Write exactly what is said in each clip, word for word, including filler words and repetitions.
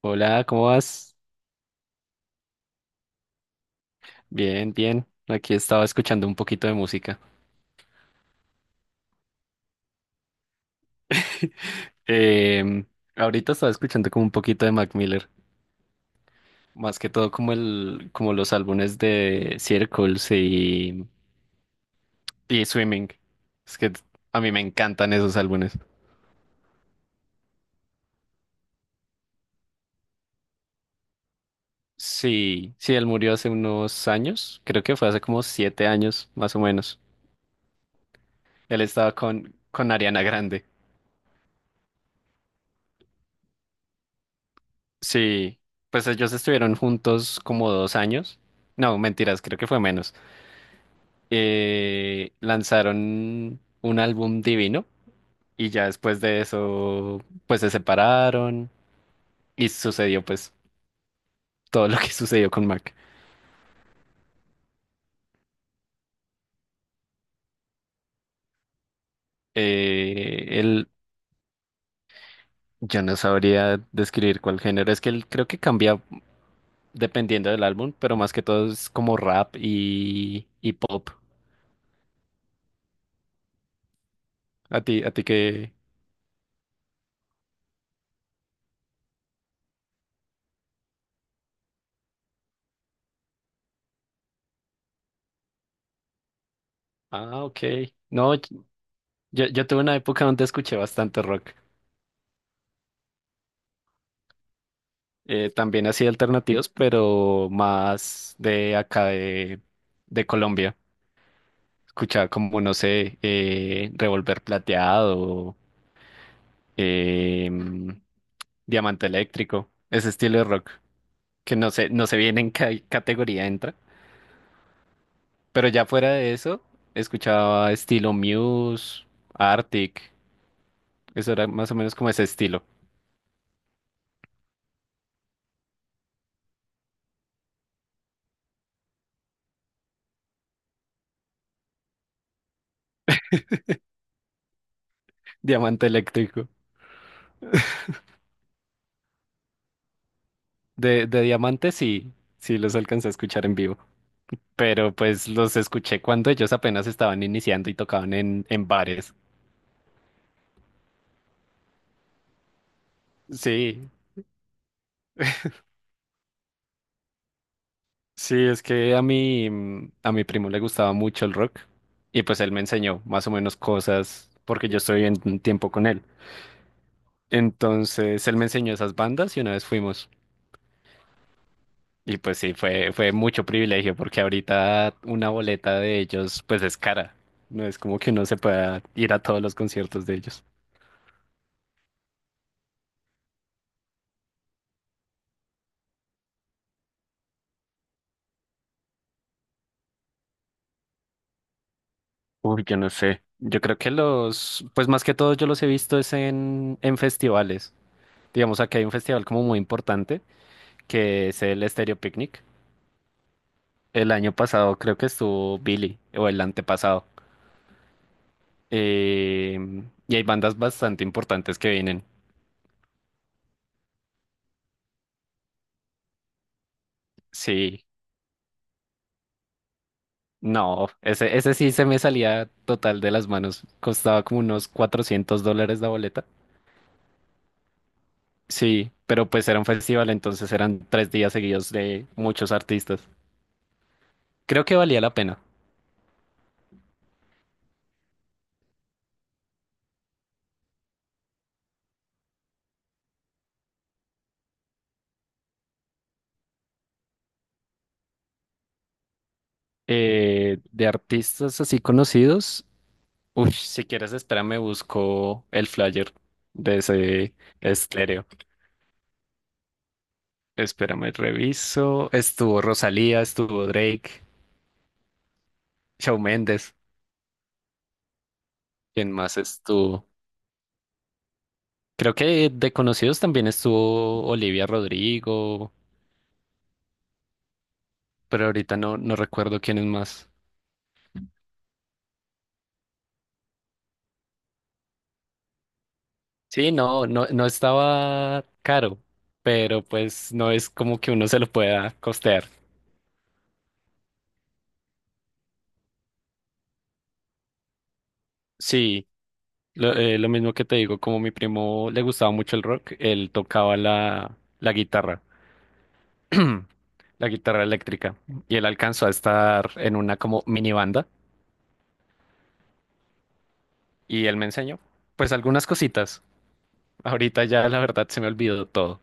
Hola, ¿cómo vas? Bien, bien. Aquí estaba escuchando un poquito de música. Em, Ahorita estaba escuchando como un poquito de Mac Miller, más que todo como el, como los álbumes de Circles y, y Swimming. Es que a mí me encantan esos álbumes. Sí, sí, él murió hace unos años, creo que fue hace como siete años, más o menos. Él estaba con, con Ariana Grande. Sí, pues ellos estuvieron juntos como dos años. No, mentiras, creo que fue menos. Eh, lanzaron un álbum divino y ya después de eso pues se separaron y sucedió pues todo lo que sucedió con Mac. Eh, él, yo no sabría describir cuál género, es que él creo que cambia dependiendo del álbum, pero más que todo es como rap y, y pop. A ti, a ti que... Ah, ok. No, yo, yo tuve una época donde escuché bastante rock. Eh, también así alternativos, pero más de acá de, de Colombia. Escuchaba como, no sé, eh, Revolver Plateado, eh, Diamante Eléctrico, ese estilo de rock, que no sé, no sé bien en qué categoría entra. Pero ya fuera de eso, escuchaba estilo Muse, Arctic, eso era más o menos como ese estilo. Diamante Eléctrico. De, de Diamante sí, sí los alcancé a escuchar en vivo. Pero pues los escuché cuando ellos apenas estaban iniciando y tocaban en, en bares. Sí, sí, es que a mi, mm, a mi primo le gustaba mucho el rock y pues él me enseñó más o menos cosas porque yo estoy en tiempo con él. Entonces él me enseñó esas bandas y una vez fuimos. Y pues sí, fue, fue mucho privilegio porque ahorita una boleta de ellos pues es cara. No es como que uno se pueda ir a todos los conciertos de ellos. Uy, yo no sé. Yo creo que los, pues más que todo yo los he visto es en, en festivales. Digamos, aquí hay un festival como muy importante que es el Stereo Picnic. El año pasado creo que estuvo Billy o el antepasado. Eh, y hay bandas bastante importantes que vienen. Sí, no, ese, ese sí se me salía total de las manos. Costaba como unos cuatrocientos dólares la boleta. Sí, pero pues era un festival, entonces eran tres días seguidos de muchos artistas. Creo que valía la pena. Eh, de artistas así conocidos, uy, si quieres, espérame, busco el flyer de ese estéreo. Espérame, reviso. Estuvo Rosalía, estuvo Drake, Shawn Mendes. ¿Quién más estuvo? Creo que de conocidos también estuvo Olivia Rodrigo, pero ahorita no, no recuerdo quiénes más. Sí, no, no, no estaba caro, pero pues no es como que uno se lo pueda costear. Sí, Lo, eh, lo mismo que te digo, como mi primo le gustaba mucho el rock, él tocaba la, la guitarra, la guitarra eléctrica, y él alcanzó a estar en una como mini banda, y él me enseñó, pues algunas cositas. Ahorita ya la verdad se me olvidó todo.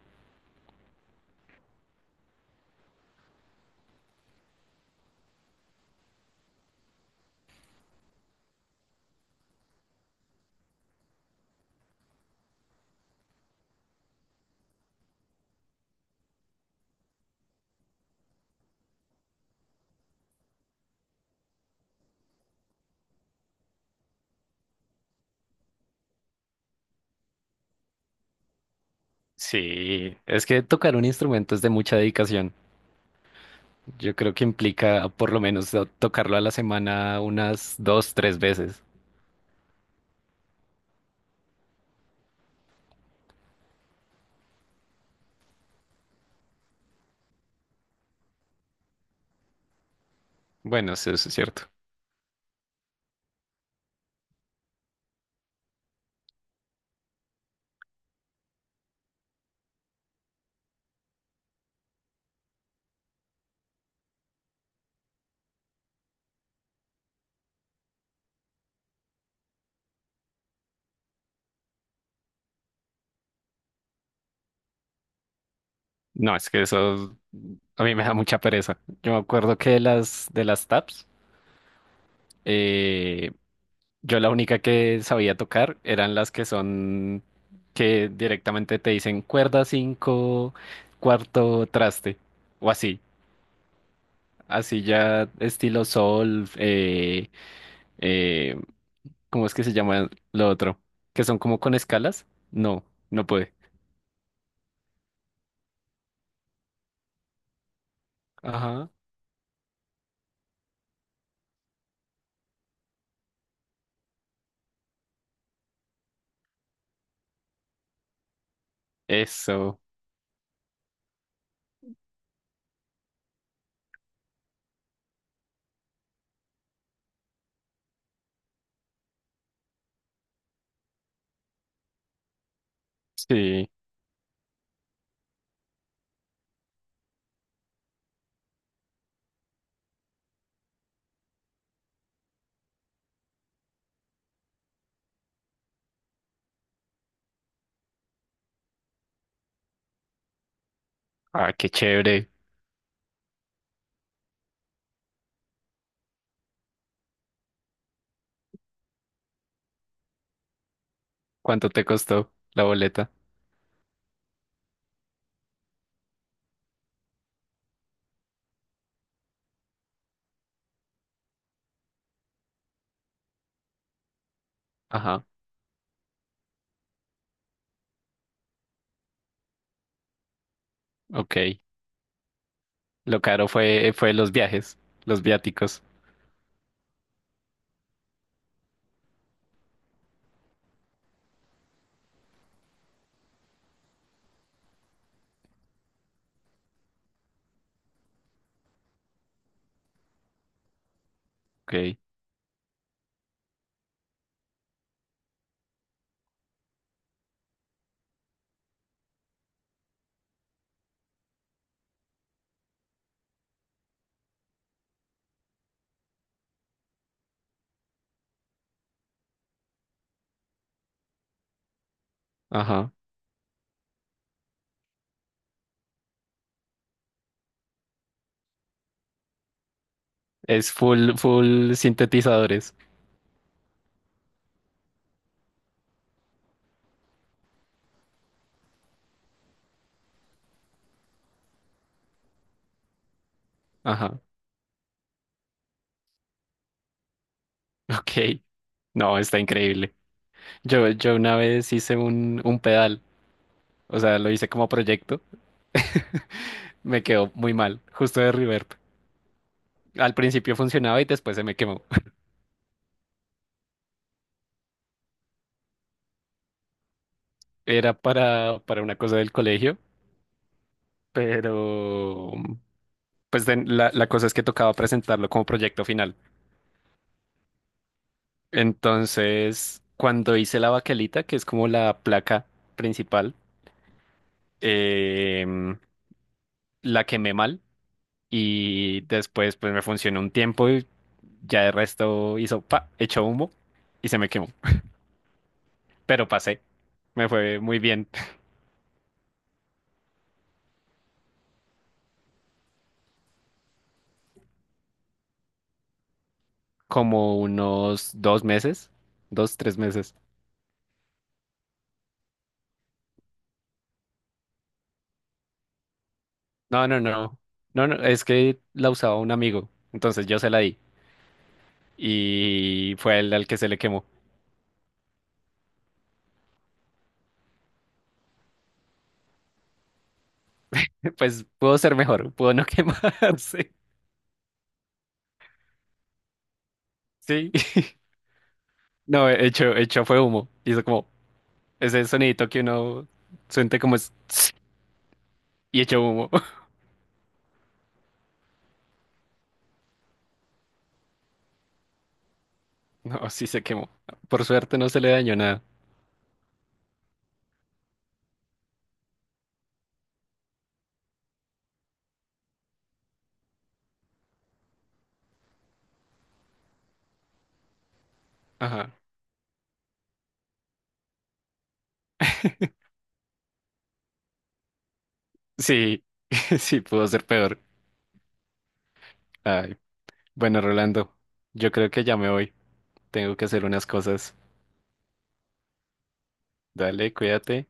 Sí, es que tocar un instrumento es de mucha dedicación. Yo creo que implica por lo menos to- tocarlo a la semana unas dos, tres veces. Bueno, sí, eso es cierto. No, es que eso a mí me da mucha pereza. Yo me acuerdo que de las de las tabs, eh, yo la única que sabía tocar eran las que son que directamente te dicen cuerda cinco cuarto traste o así. Así ya estilo sol, eh, eh, ¿cómo es que se llama lo otro? Que son como con escalas. No, no puede. Ajá. Eso. Sí. Ah, qué chévere. ¿Cuánto te costó la boleta? Ajá, ok. Lo caro fue, fue los viajes, los viáticos. Ok, ajá. Es full, full sintetizadores. Ajá, ok. No, está increíble. Yo, yo una vez hice un, un pedal, o sea, lo hice como proyecto. Me quedó muy mal, justo de reverb. Al principio funcionaba y después se me quemó. Era para, para una cosa del colegio, pero pues de- la, la cosa es que tocaba presentarlo como proyecto final. Entonces, cuando hice la baquelita, que es como la placa principal, em, la quemé mal y después pues me funcionó un tiempo y ya el resto hizo pa, echó humo y se me quemó. Pero pasé, me fue muy bien, como unos dos meses, dos, tres meses. No, no, no, no, no, es que la usaba un amigo, entonces yo se la di. Y fue él al que se le quemó. Pues pudo ser mejor, pudo no quemarse. Sí. No, hecho, hecho fue humo. Hizo como ese sonidito que uno siente como es y hecho humo. No, sí se quemó. Por suerte no se le dañó nada. Ajá. Sí, sí pudo ser peor. Ay. Bueno, Rolando, yo creo que ya me voy. Tengo que hacer unas cosas. Dale, cuídate.